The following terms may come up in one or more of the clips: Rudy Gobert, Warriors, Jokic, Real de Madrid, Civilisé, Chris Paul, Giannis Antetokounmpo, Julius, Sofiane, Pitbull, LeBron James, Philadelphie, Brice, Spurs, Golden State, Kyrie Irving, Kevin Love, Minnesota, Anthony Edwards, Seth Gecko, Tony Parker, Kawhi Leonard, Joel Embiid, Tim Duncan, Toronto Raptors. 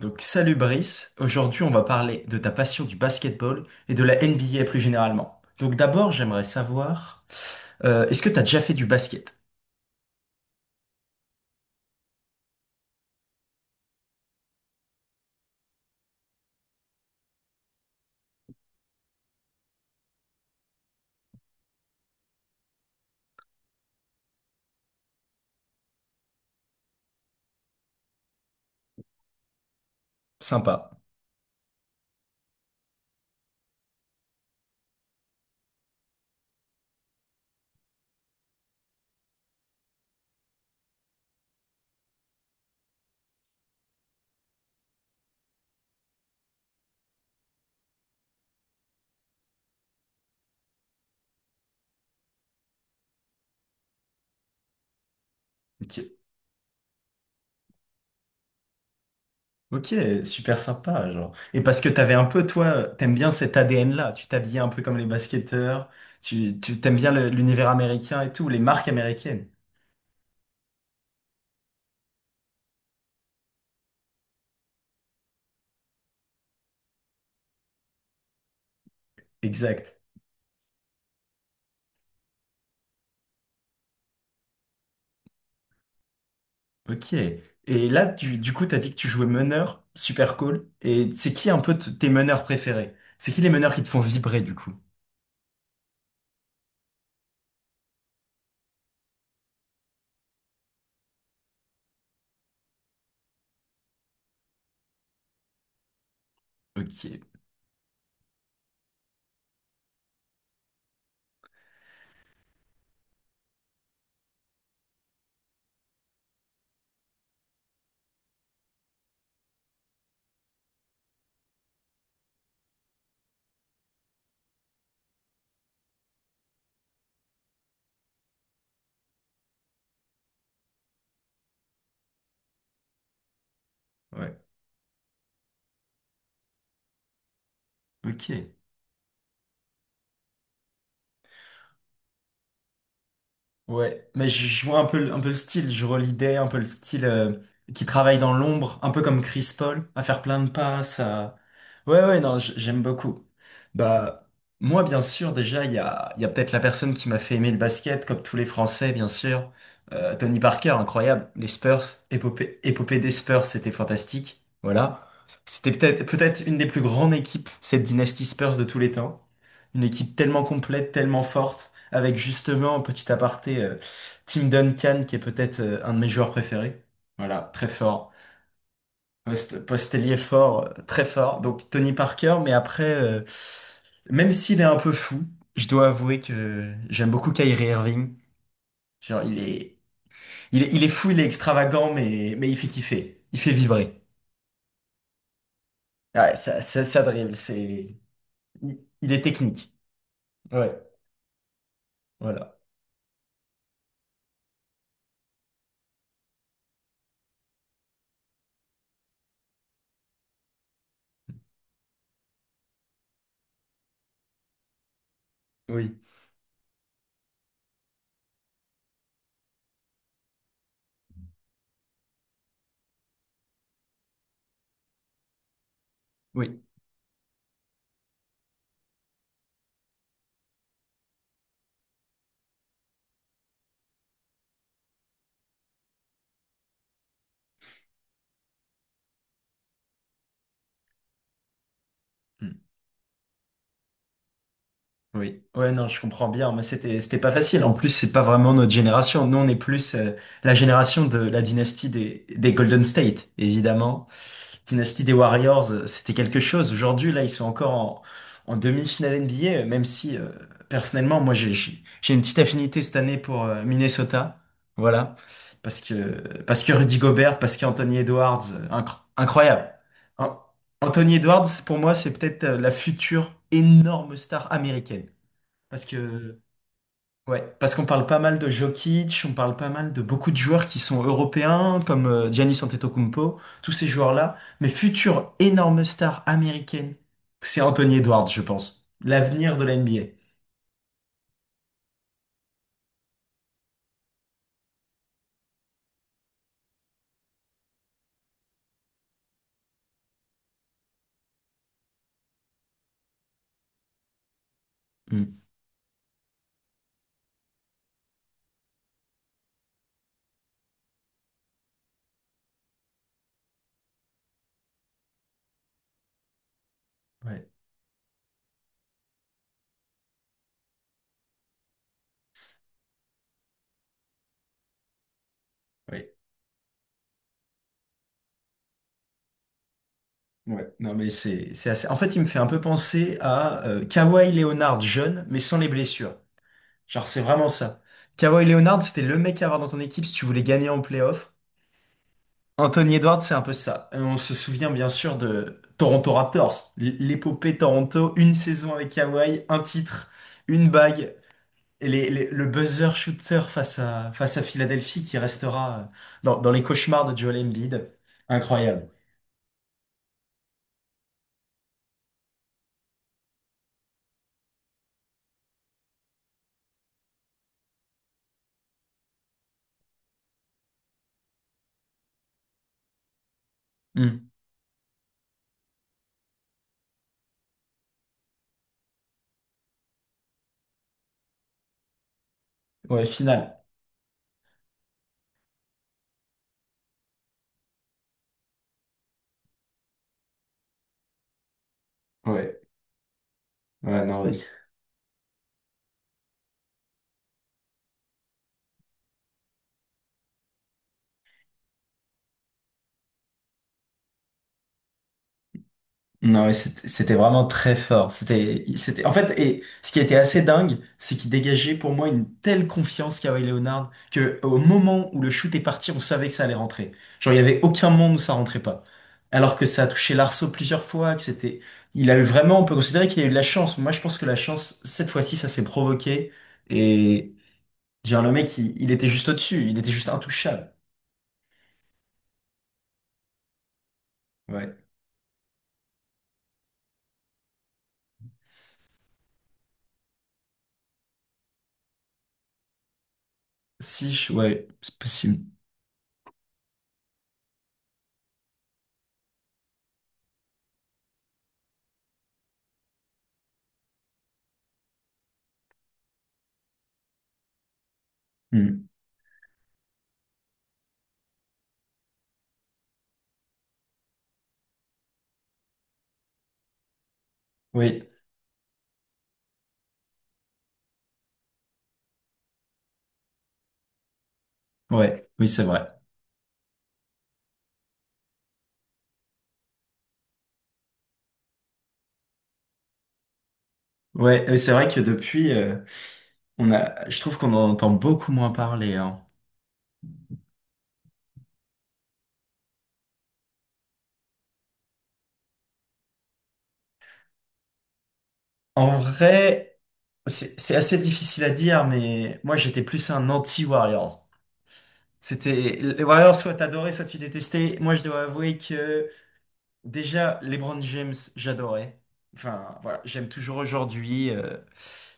Donc salut Brice, aujourd'hui on va parler de ta passion du basketball et de la NBA plus généralement. Donc d'abord j'aimerais savoir, est-ce que t'as déjà fait du basket? Sympa. Ok, ok, super sympa genre. Et parce que t'avais un peu toi, t'aimes bien cet ADN-là, tu t'habillais un peu comme les basketteurs, tu t'aimes bien l'univers américain et tout, les marques américaines. Exact. Ok. Et là du coup t'as dit que tu jouais meneur, super cool. Et c'est qui un peu tes meneurs préférés? C'est qui les meneurs qui te font vibrer du coup? Ok, ouais, ok. Ouais, mais je vois un peu, un peu le style, je relidais un peu le style qui travaille dans l'ombre, un peu comme Chris Paul, à faire plein de passes, à... Ouais, ouais, non, j'aime beaucoup. Bah, moi, bien sûr, déjà, il y a peut-être la personne qui m'a fait aimer le basket, comme tous les Français, bien sûr. Tony Parker, incroyable. Les Spurs, épopée des Spurs, c'était fantastique. Voilà. C'était peut-être une des plus grandes équipes, cette dynastie Spurs de tous les temps. Une équipe tellement complète, tellement forte avec justement, petit aparté, Tim Duncan, qui est peut-être un de mes joueurs préférés. Voilà, très fort. Postelier fort, très fort. Donc Tony Parker, mais après, même s'il est un peu fou, je dois avouer que j'aime beaucoup Kyrie Irving. Genre, il est fou, il est extravagant, mais il fait kiffer. Il fait vibrer. Ouais, ça dribble, c'est... Il est technique. Ouais, voilà. Oui, oui. Hmm. Oui, ouais, non, je comprends bien, mais c'était pas facile. En plus, c'est pas vraiment notre génération. Nous, on est plus la génération de la dynastie des Golden State, évidemment. Dynastie des Warriors, c'était quelque chose. Aujourd'hui, là, ils sont encore en demi-finale NBA, même si personnellement, moi, j'ai une petite affinité cette année pour Minnesota. Voilà, parce que Rudy Gobert, parce qu'Anthony Edwards, incroyable. An- Anthony Edwards, pour moi, c'est peut-être la future énorme star américaine. Parce que, ouais, parce qu'on parle pas mal de Jokic, on parle pas mal de beaucoup de joueurs qui sont européens, comme Giannis Antetokounmpo, tous ces joueurs-là. Mais future énorme star américaine, c'est Anthony Edwards, je pense. L'avenir de la NBA. Mm. Ouais, ouais, ouais. Non, mais c'est assez... En fait, il me fait un peu penser à Kawhi Leonard jeune, mais sans les blessures. Genre, c'est vraiment ça. Kawhi Leonard, c'était le mec à avoir dans ton équipe si tu voulais gagner en playoff. Anthony Edwards, c'est un peu ça. On se souvient bien sûr de Toronto Raptors, l'épopée Toronto, une saison avec Kawhi, un titre, une bague, et le buzzer shooter face à Philadelphie qui restera dans les cauchemars de Joel Embiid. Incroyable. Hmm. Ouais, finale. Ouais, ouais, non, non, mais c'était vraiment très fort. C'était, en fait, et ce qui était assez dingue, c'est qu'il dégageait pour moi une telle confiance, Kawhi Leonard, que au moment où le shoot est parti, on savait que ça allait rentrer. Genre, il y avait aucun moment où ça rentrait pas. Alors que ça a touché l'arceau plusieurs fois, que c'était, il a eu vraiment, on peut considérer qu'il a eu de la chance. Moi, je pense que la chance, cette fois-ci, ça s'est provoqué. Et, genre, le mec, il était juste au-dessus. Il était juste intouchable. Ouais. Si, ouais, c'est possible. Hmm. Oui, ouais, oui, c'est vrai. Ouais, mais c'est vrai que depuis, on a, je trouve qu'on en entend beaucoup moins parler, hein. En vrai, c'est assez difficile à dire, mais moi j'étais plus un anti-Warriors. C'était les Warriors, soit t'adorais, soit tu détestais. Moi, je dois avouer que déjà LeBron James, j'adorais. Enfin, voilà, j'aime toujours aujourd'hui.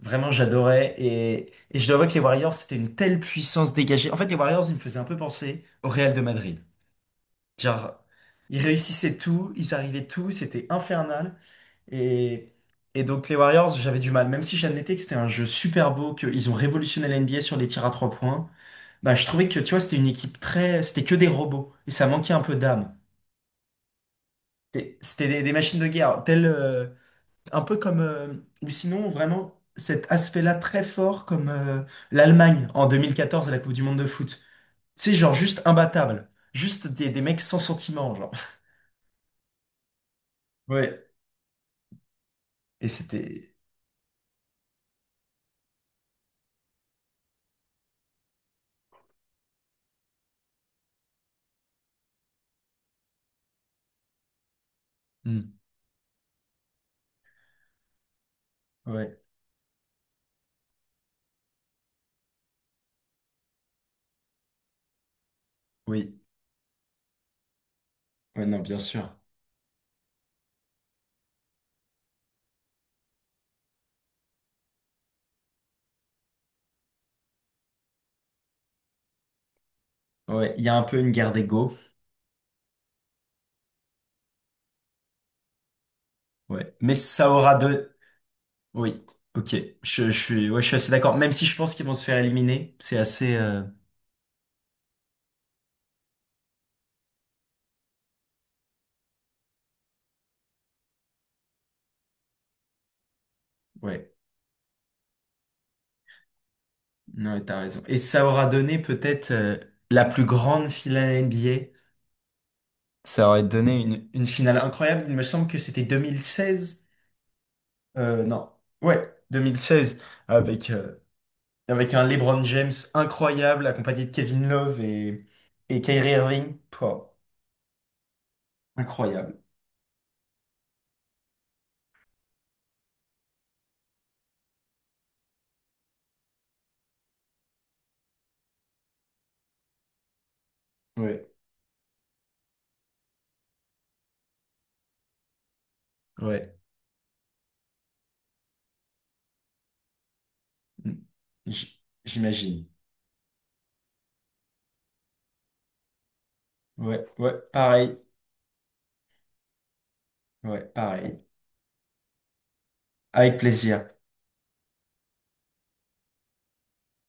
Vraiment, j'adorais. Et je dois avouer que les Warriors, c'était une telle puissance dégagée. En fait, les Warriors, ils me faisaient un peu penser au Real de Madrid. Genre, ils réussissaient tout, ils arrivaient tout, c'était infernal. Et, et donc les Warriors, j'avais du mal. Même si j'admettais que c'était un jeu super beau, qu'ils ont révolutionné la NBA sur les tirs à trois points, bah je trouvais que tu vois, c'était une équipe très. C'était que des robots. Et ça manquait un peu d'âme. C'était des machines de guerre. Telles, un peu comme. Ou sinon, vraiment, cet aspect-là très fort, comme l'Allemagne en 2014 à la Coupe du Monde de foot. C'est genre juste imbattable. Juste des mecs sans sentiment, genre. Ouais. Et c'était. Hmm. Ouais, oui, ouais, non, bien sûr. Ouais, il y a un peu une guerre d'ego. Ouais, mais ça aura deux. Oui, ok. Je suis assez d'accord. Même si je pense qu'ils vont se faire éliminer, c'est assez. Ouais, non, t'as raison. Et ça aura donné peut-être la plus grande finale NBA. Ça aurait donné une finale incroyable. Il me semble que c'était 2016. Non, ouais, 2016 avec avec un LeBron James incroyable accompagné de Kevin Love et Kyrie Irving. Pouah. Incroyable. Ouais, ouais. Mm. J'imagine. Ouais, ouais, pareil. Ouais, pareil. Avec plaisir.